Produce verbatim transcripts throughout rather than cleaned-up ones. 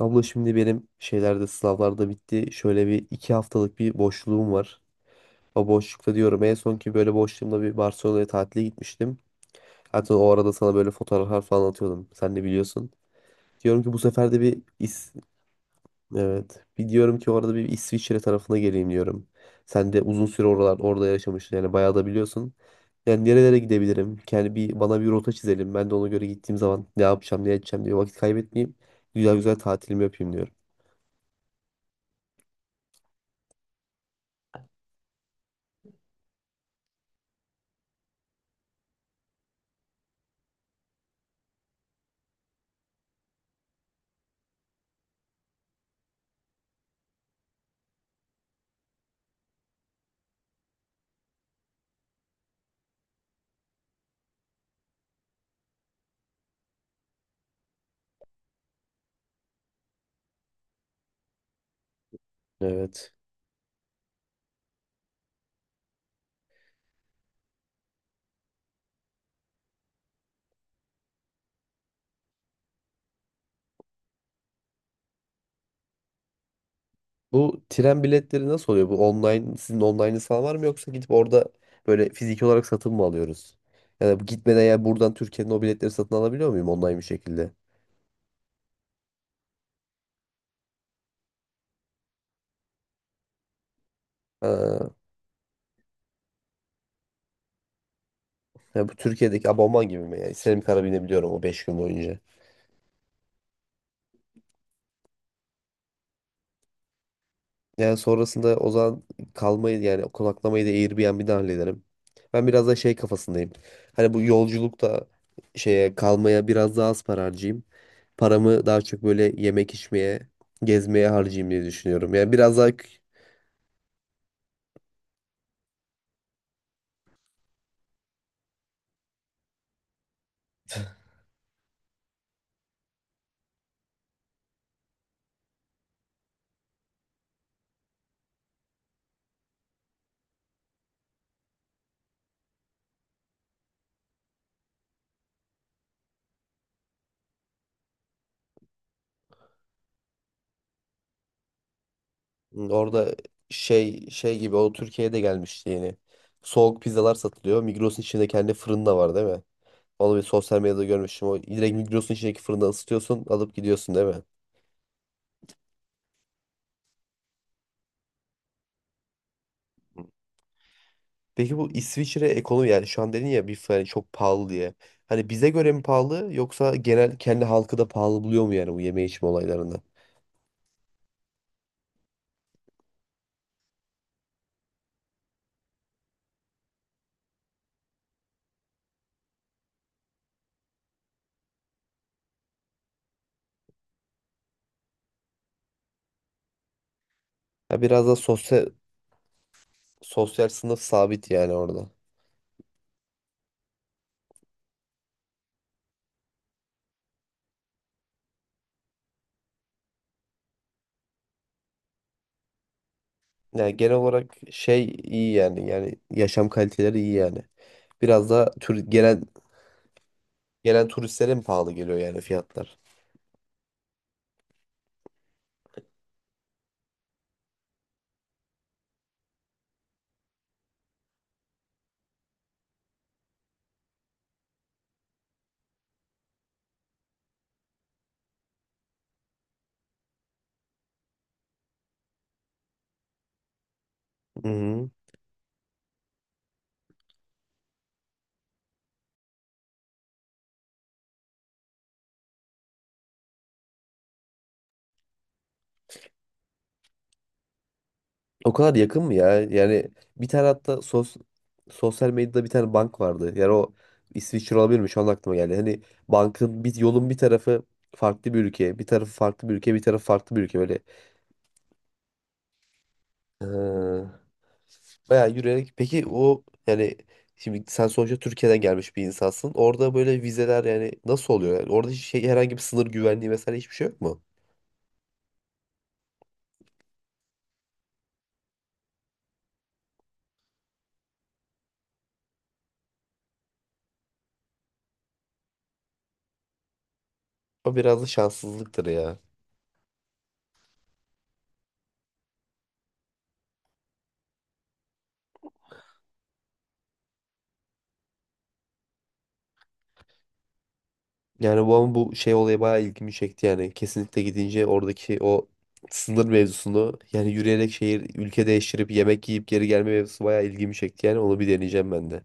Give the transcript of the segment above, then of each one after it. Abla şimdi benim şeylerde sınavlarda bitti. Şöyle bir iki haftalık bir boşluğum var. O boşlukta diyorum en son ki böyle boşluğumda bir Barcelona'ya tatile gitmiştim. Hatta o arada sana böyle fotoğraflar falan atıyordum. Sen de biliyorsun. Diyorum ki bu sefer de bir İs Evet. Bir diyorum ki orada bir İsviçre tarafına geleyim diyorum. Sen de uzun süre oralar orada yaşamıştın yani bayağı da biliyorsun. Yani nerelere gidebilirim? Yani bir bana bir rota çizelim. Ben de ona göre gittiğim zaman ne yapacağım, ne edeceğim diye vakit kaybetmeyeyim. Güzel güzel tatilimi yapayım diyorum. Evet. Bu tren biletleri nasıl oluyor? Bu online, sizin online'ınız falan var mı yoksa gidip orada böyle fiziki olarak satın mı alıyoruz? Ya da bu gitmeden ya buradan Türkiye'nin o biletleri satın alabiliyor muyum online bir şekilde? Ha, ya bu Türkiye'deki abonman gibi mi? Yani istediğim kadar binebiliyorum o beş gün boyunca. Yani sonrasında o zaman kalmayı yani konaklamayı da Airbnb'den hallederim. Ben biraz da şey kafasındayım. Hani bu yolculukta şeye kalmaya biraz daha az para harcayayım. Paramı daha çok böyle yemek içmeye gezmeye harcayayım diye düşünüyorum. Yani biraz daha. Orada şey şey gibi o Türkiye'ye de gelmişti yeni. Soğuk pizzalar satılıyor. Migros'un içinde kendi fırın da var değil mi? Onu bir sosyal medyada görmüştüm. O direkt Migros'un içindeki fırında ısıtıyorsun, alıp gidiyorsun değil mi? Peki bu İsviçre ekonomi yani şu an dedin ya bir falan çok pahalı diye. Hani bize göre mi pahalı yoksa genel kendi halkı da pahalı buluyor mu yani bu yeme içme olaylarını? Ya biraz da sosyal sosyal sınıf sabit yani orada. Yani genel olarak şey iyi yani yani yaşam kaliteleri iyi yani. Biraz da tür, genel. Gelen turistlere mi pahalı geliyor yani fiyatlar? Hı hı. O kadar yakın mı ya? Yani bir tane hatta sos, sosyal medyada bir tane bank vardı. Yani o İsviçre olabilir mi? Şu an aklıma geldi. Hani bankın bir yolun bir tarafı farklı bir ülke, bir tarafı farklı bir ülke, bir tarafı farklı bir ülke böyle. Ha. Bayağı yürüyerek. Peki o yani şimdi sen sonuçta Türkiye'den gelmiş bir insansın. Orada böyle vizeler yani nasıl oluyor? Yani orada hiç şey herhangi bir sınır güvenliği vesaire hiçbir şey yok mu? O biraz da şanssızlıktır ya. Yani bu ama bu şey olayı bayağı ilgimi çekti yani. Kesinlikle gidince oradaki o sınır mevzusunu yani yürüyerek şehir ülke değiştirip yemek yiyip geri gelme mevzusu bayağı ilgimi çekti yani onu bir deneyeceğim ben de.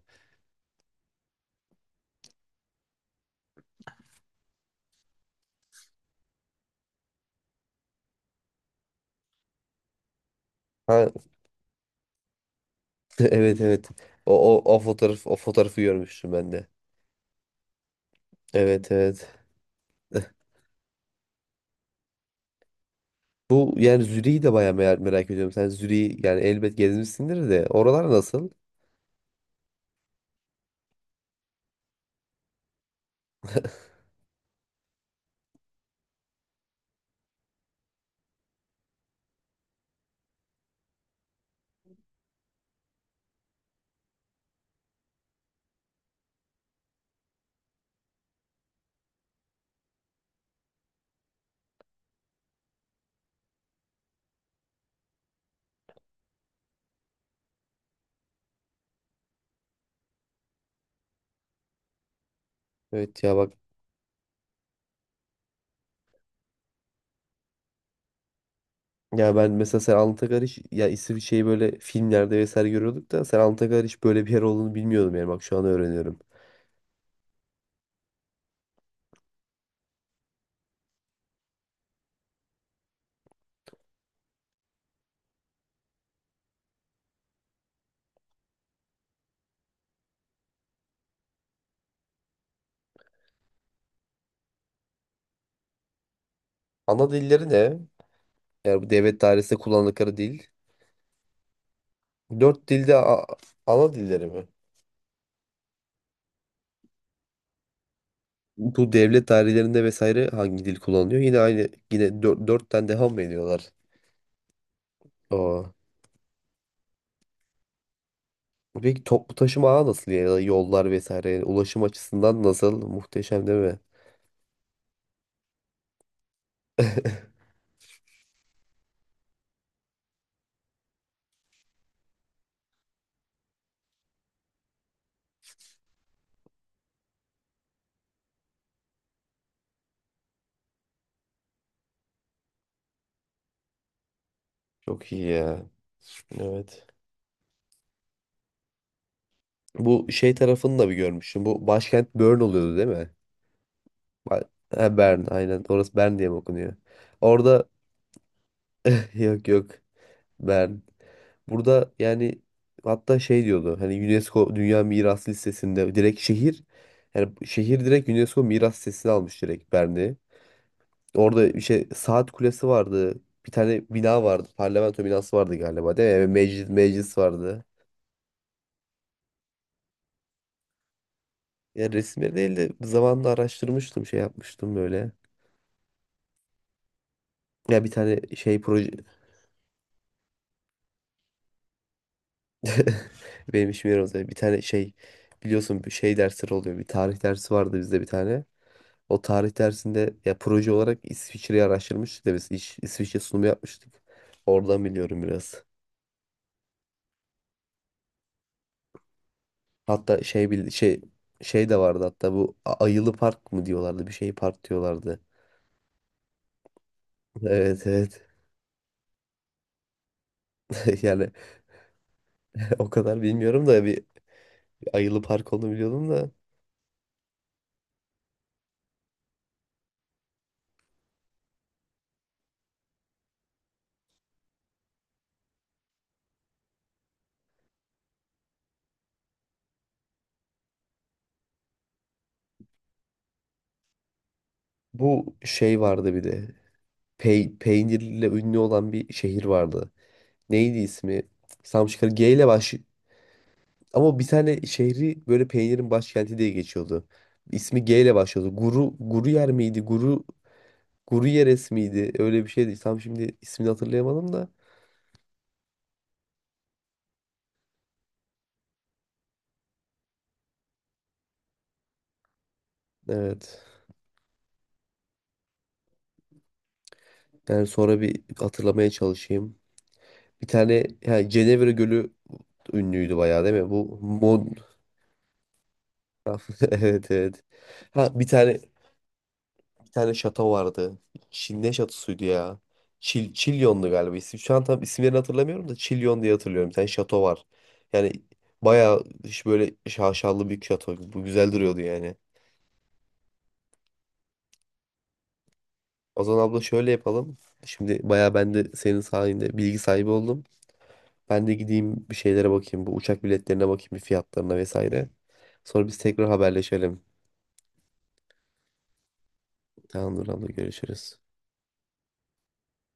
Ha evet, evet. O, o, o fotoğraf o fotoğrafı görmüştüm ben de. Evet, evet. Bu yani Zürich'i de bayağı merak, merak ediyorum. Sen Zürich'i yani elbet gezmişsindir de oralar nasıl? Evet ya bak ya ben mesela sen Anıtakar hiç ya isim şeyi böyle filmlerde vesaire görüyorduk da sen Anıtakar hiç böyle bir yer olduğunu bilmiyordum yani bak şu an öğreniyorum. Ana dilleri ne? Yani bu devlet dairesinde kullandıkları dil. Dört dilde a- ana dilleri mi? Bu devlet dairelerinde vesaire hangi dil kullanılıyor? Yine aynı yine dört, dörtten devam mı ediyorlar? Peki toplu taşıma ağı nasıl ya? Da yollar vesaire yani ulaşım açısından nasıl? Muhteşem değil mi? Çok iyi ya. Evet. Bu şey tarafını da bir görmüştüm. Bu başkent Bern oluyordu değil mi? Ba- Ha, Bern aynen. Orası Bern diye mi okunuyor? Orada yok, yok, Bern. Burada yani hatta şey diyordu hani UNESCO Dünya Miras Listesi'nde direkt şehir yani şehir direkt UNESCO Miras Listesi'ne almış direkt Bern'i. Orada işte saat kulesi vardı. Bir tane bina vardı. Parlamento binası vardı galiba değil mi? Yani meclis, meclis vardı. Ya resimleri değil de zamanla araştırmıştım şey yapmıştım böyle. Ya bir tane şey proje benim işim yerimiz. Bir tane şey, biliyorsun, bir şey dersleri oluyor. Bir tarih dersi vardı bizde bir tane. O tarih dersinde ya proje olarak İsviçre'yi araştırmıştık da biz İş- İsviçre sunumu yapmıştık. Oradan biliyorum biraz. Hatta şey bil- şey şey de vardı hatta bu A- Ayılı Park mı diyorlardı, bir şey park diyorlardı. Evet, evet. Yani o kadar bilmiyorum da bir Ayılı Park olduğunu biliyordum da. Bu şey vardı bir de. Pey peynirle ünlü olan bir şehir vardı. Neydi ismi? Samşıkır G ile baş, ama bir tane şehri böyle peynirin başkenti diye geçiyordu. İsmi G ile başlıyordu. Guru Guru yer miydi? Guru Guru Yeres miydi? Öyle bir şeydi. Tam şimdi ismini hatırlayamadım da. Evet. Yani sonra bir hatırlamaya çalışayım. Bir tane yani Cenevre Gölü ünlüydü bayağı değil mi? Bu Mon evet, evet. Ha bir tane bir tane şato vardı. Çin ne şatosuydu ya? Çil Çilyon'du galiba isim. Şu an tam isimlerini hatırlamıyorum da Çilyon diye hatırlıyorum. Bir tane şato var. Yani bayağı iş böyle şaşalı bir şato. Bu güzel duruyordu yani. O zaman abla şöyle yapalım. Şimdi bayağı ben de senin sayende bilgi sahibi oldum. Ben de gideyim bir şeylere bakayım. Bu uçak biletlerine bakayım bir fiyatlarına vesaire. Sonra biz tekrar haberleşelim. Tamamdır abla, görüşürüz.